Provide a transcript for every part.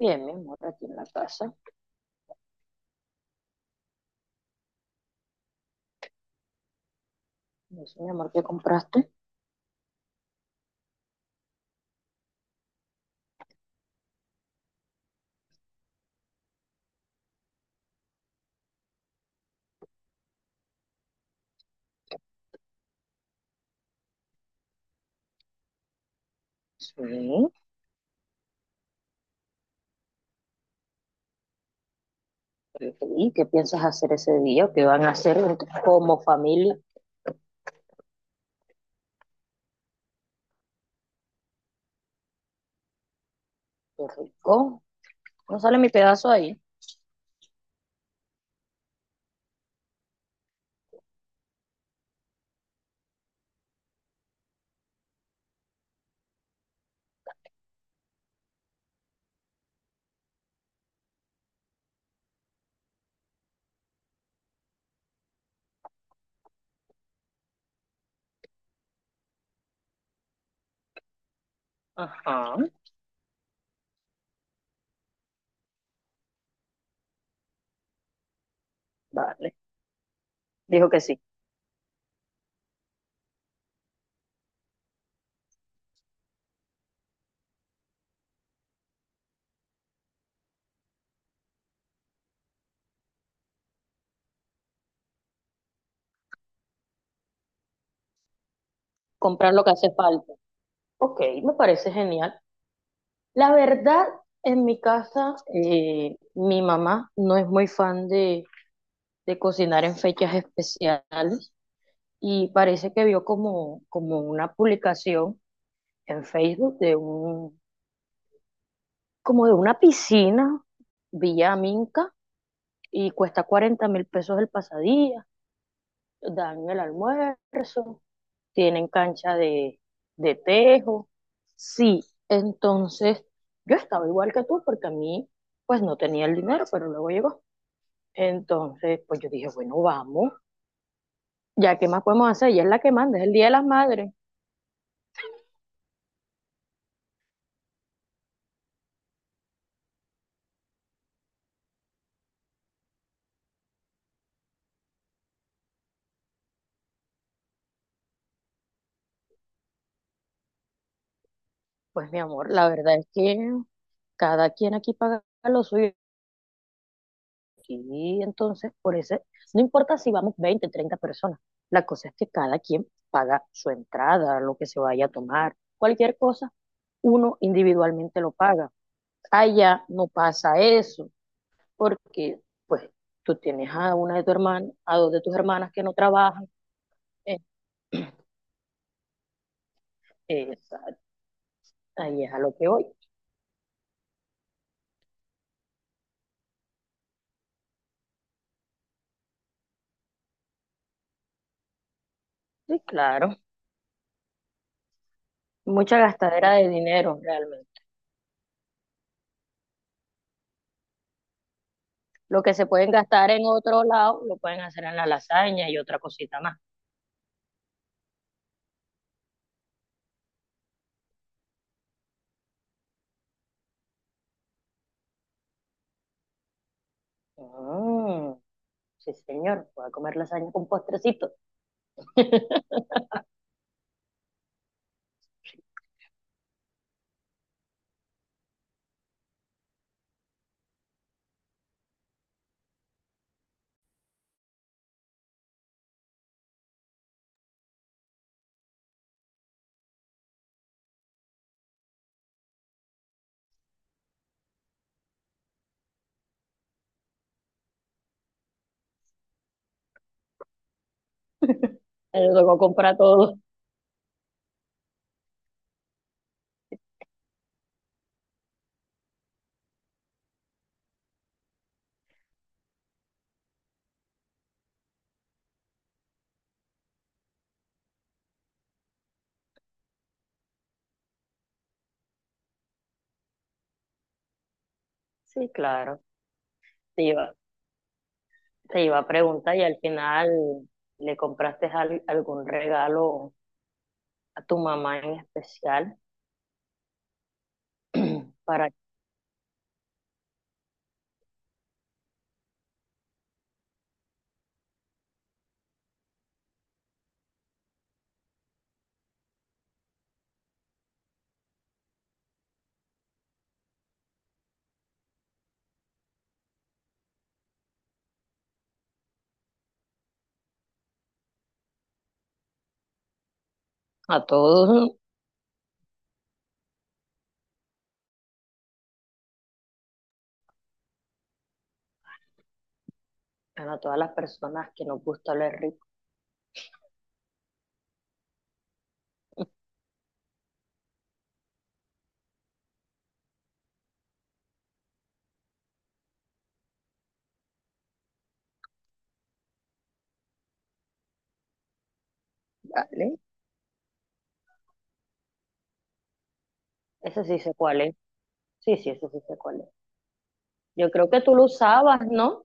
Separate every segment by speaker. Speaker 1: Bien, mi amor, aquí en la casa. Me dice, mi amor, ¿qué compraste? Sí. Le dije, ¿y qué piensas hacer ese día? ¿O ¿Qué van a hacer como familia? Qué rico. ¿No sale mi pedazo ahí? Ajá. Vale. Dijo que sí. Comprar lo que hace falta. Ok, me parece genial. La verdad, en mi casa, mi mamá no es muy fan de cocinar en fechas especiales, y parece que vio como una publicación en Facebook de un, como de una piscina, Villa Minca, y cuesta 40.000 pesos el pasadía, dan el almuerzo, tienen cancha de tejo. Sí, entonces yo estaba igual que tú porque a mí pues no tenía el dinero, pero luego llegó. Entonces, pues yo dije, bueno, vamos, ya qué más podemos hacer, ella es la que manda, es el Día de las Madres. Pues mi amor, la verdad es que cada quien aquí paga lo suyo. Y entonces, por ese, no importa si vamos 20 30 personas, la cosa es que cada quien paga su entrada, lo que se vaya a tomar, cualquier cosa, uno individualmente lo paga. Allá no pasa eso, porque pues tú tienes a una de tu hermana, a dos de tus hermanas que no trabajan, eh, esa- ahí es a lo que voy. Sí, claro, mucha gastadera de dinero realmente. Lo que se pueden gastar en otro lado, lo pueden hacer en la lasaña y otra cosita más. Mm. Sí, señor, voy a comer lasaña con postrecito. Me tocó comprar todo. Sí, claro. Te iba, Te iba a preguntar y al final le compraste algún regalo a tu mamá en especial, para a todos, bueno, a todas las personas que nos gusta oler rico. Dale. Ese sí sé cuál es. Sí, ese sí sé cuál es. Yo creo que tú lo usabas, ¿no?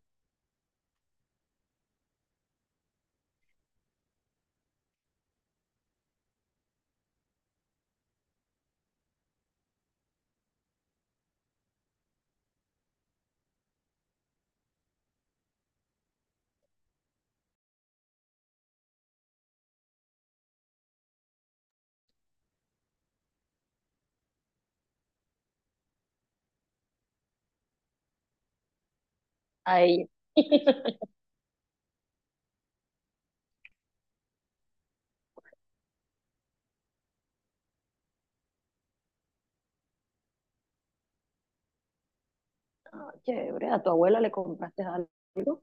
Speaker 1: Ahí. Ah, chévere, a tu abuela le compraste algo.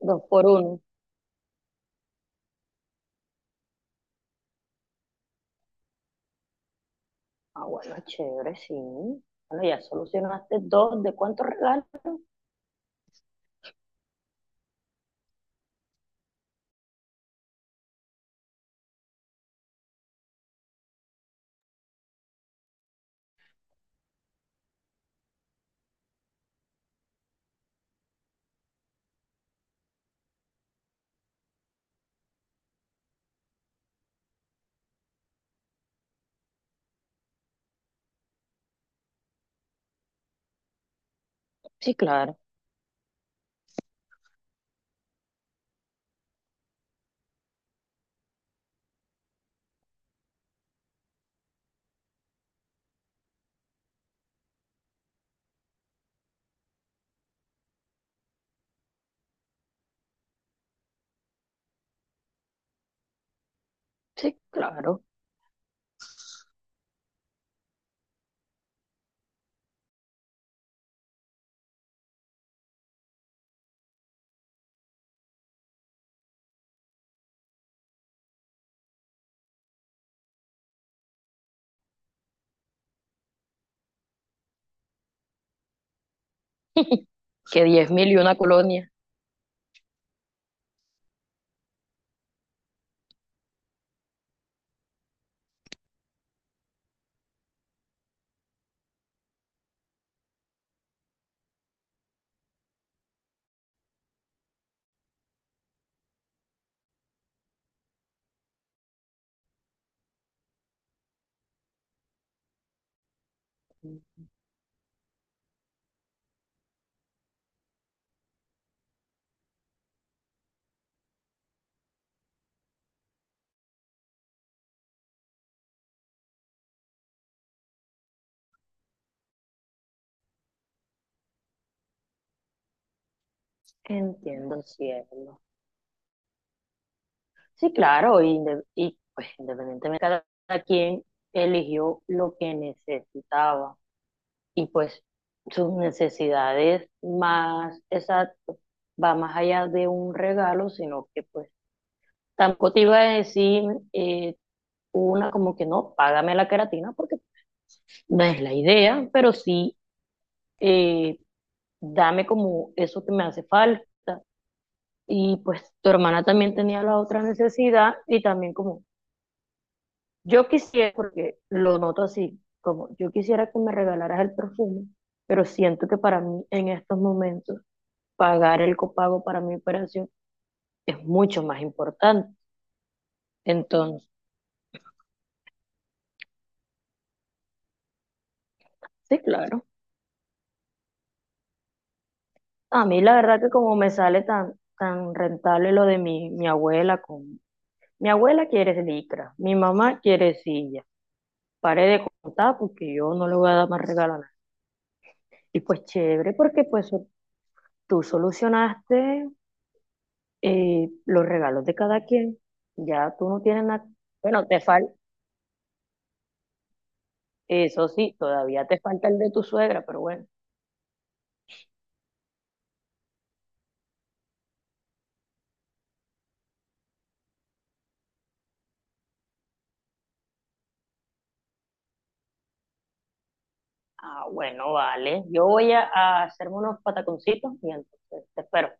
Speaker 1: Dos por uno. Ah, bueno, chévere, sí. Bueno, ya solucionaste dos. ¿De cuántos regalos? Sí, claro. Sí, claro. Que 10.000 y una colonia. Entiendo, cielo. Sí, claro. Y, y pues independientemente, cada quien eligió lo que necesitaba. Y pues sus necesidades más exacto va más allá de un regalo, sino que pues tampoco te iba a decir eh, una como que no, págame la queratina, porque no es la idea, pero sí, eh, dame como eso que me hace falta. Y pues tu hermana también tenía la otra necesidad y también como yo quisiera, porque lo noto así, como yo quisiera que me regalaras el perfume, pero siento que para mí en estos momentos pagar el copago para mi operación es mucho más importante. Entonces, sí, claro. A mí la verdad que como me sale tan rentable lo de mi abuela con. Mi abuela quiere licra, mi mamá quiere silla. Paré de contar porque yo no le voy a dar más regalo a nadie. Y pues chévere, porque pues tú solucionaste los regalos de cada quien. Ya tú no tienes nada. Bueno, te falta, eso sí, todavía te falta el de tu suegra, pero bueno. Ah, bueno, vale. Yo voy a hacerme unos pataconcitos y entonces te espero.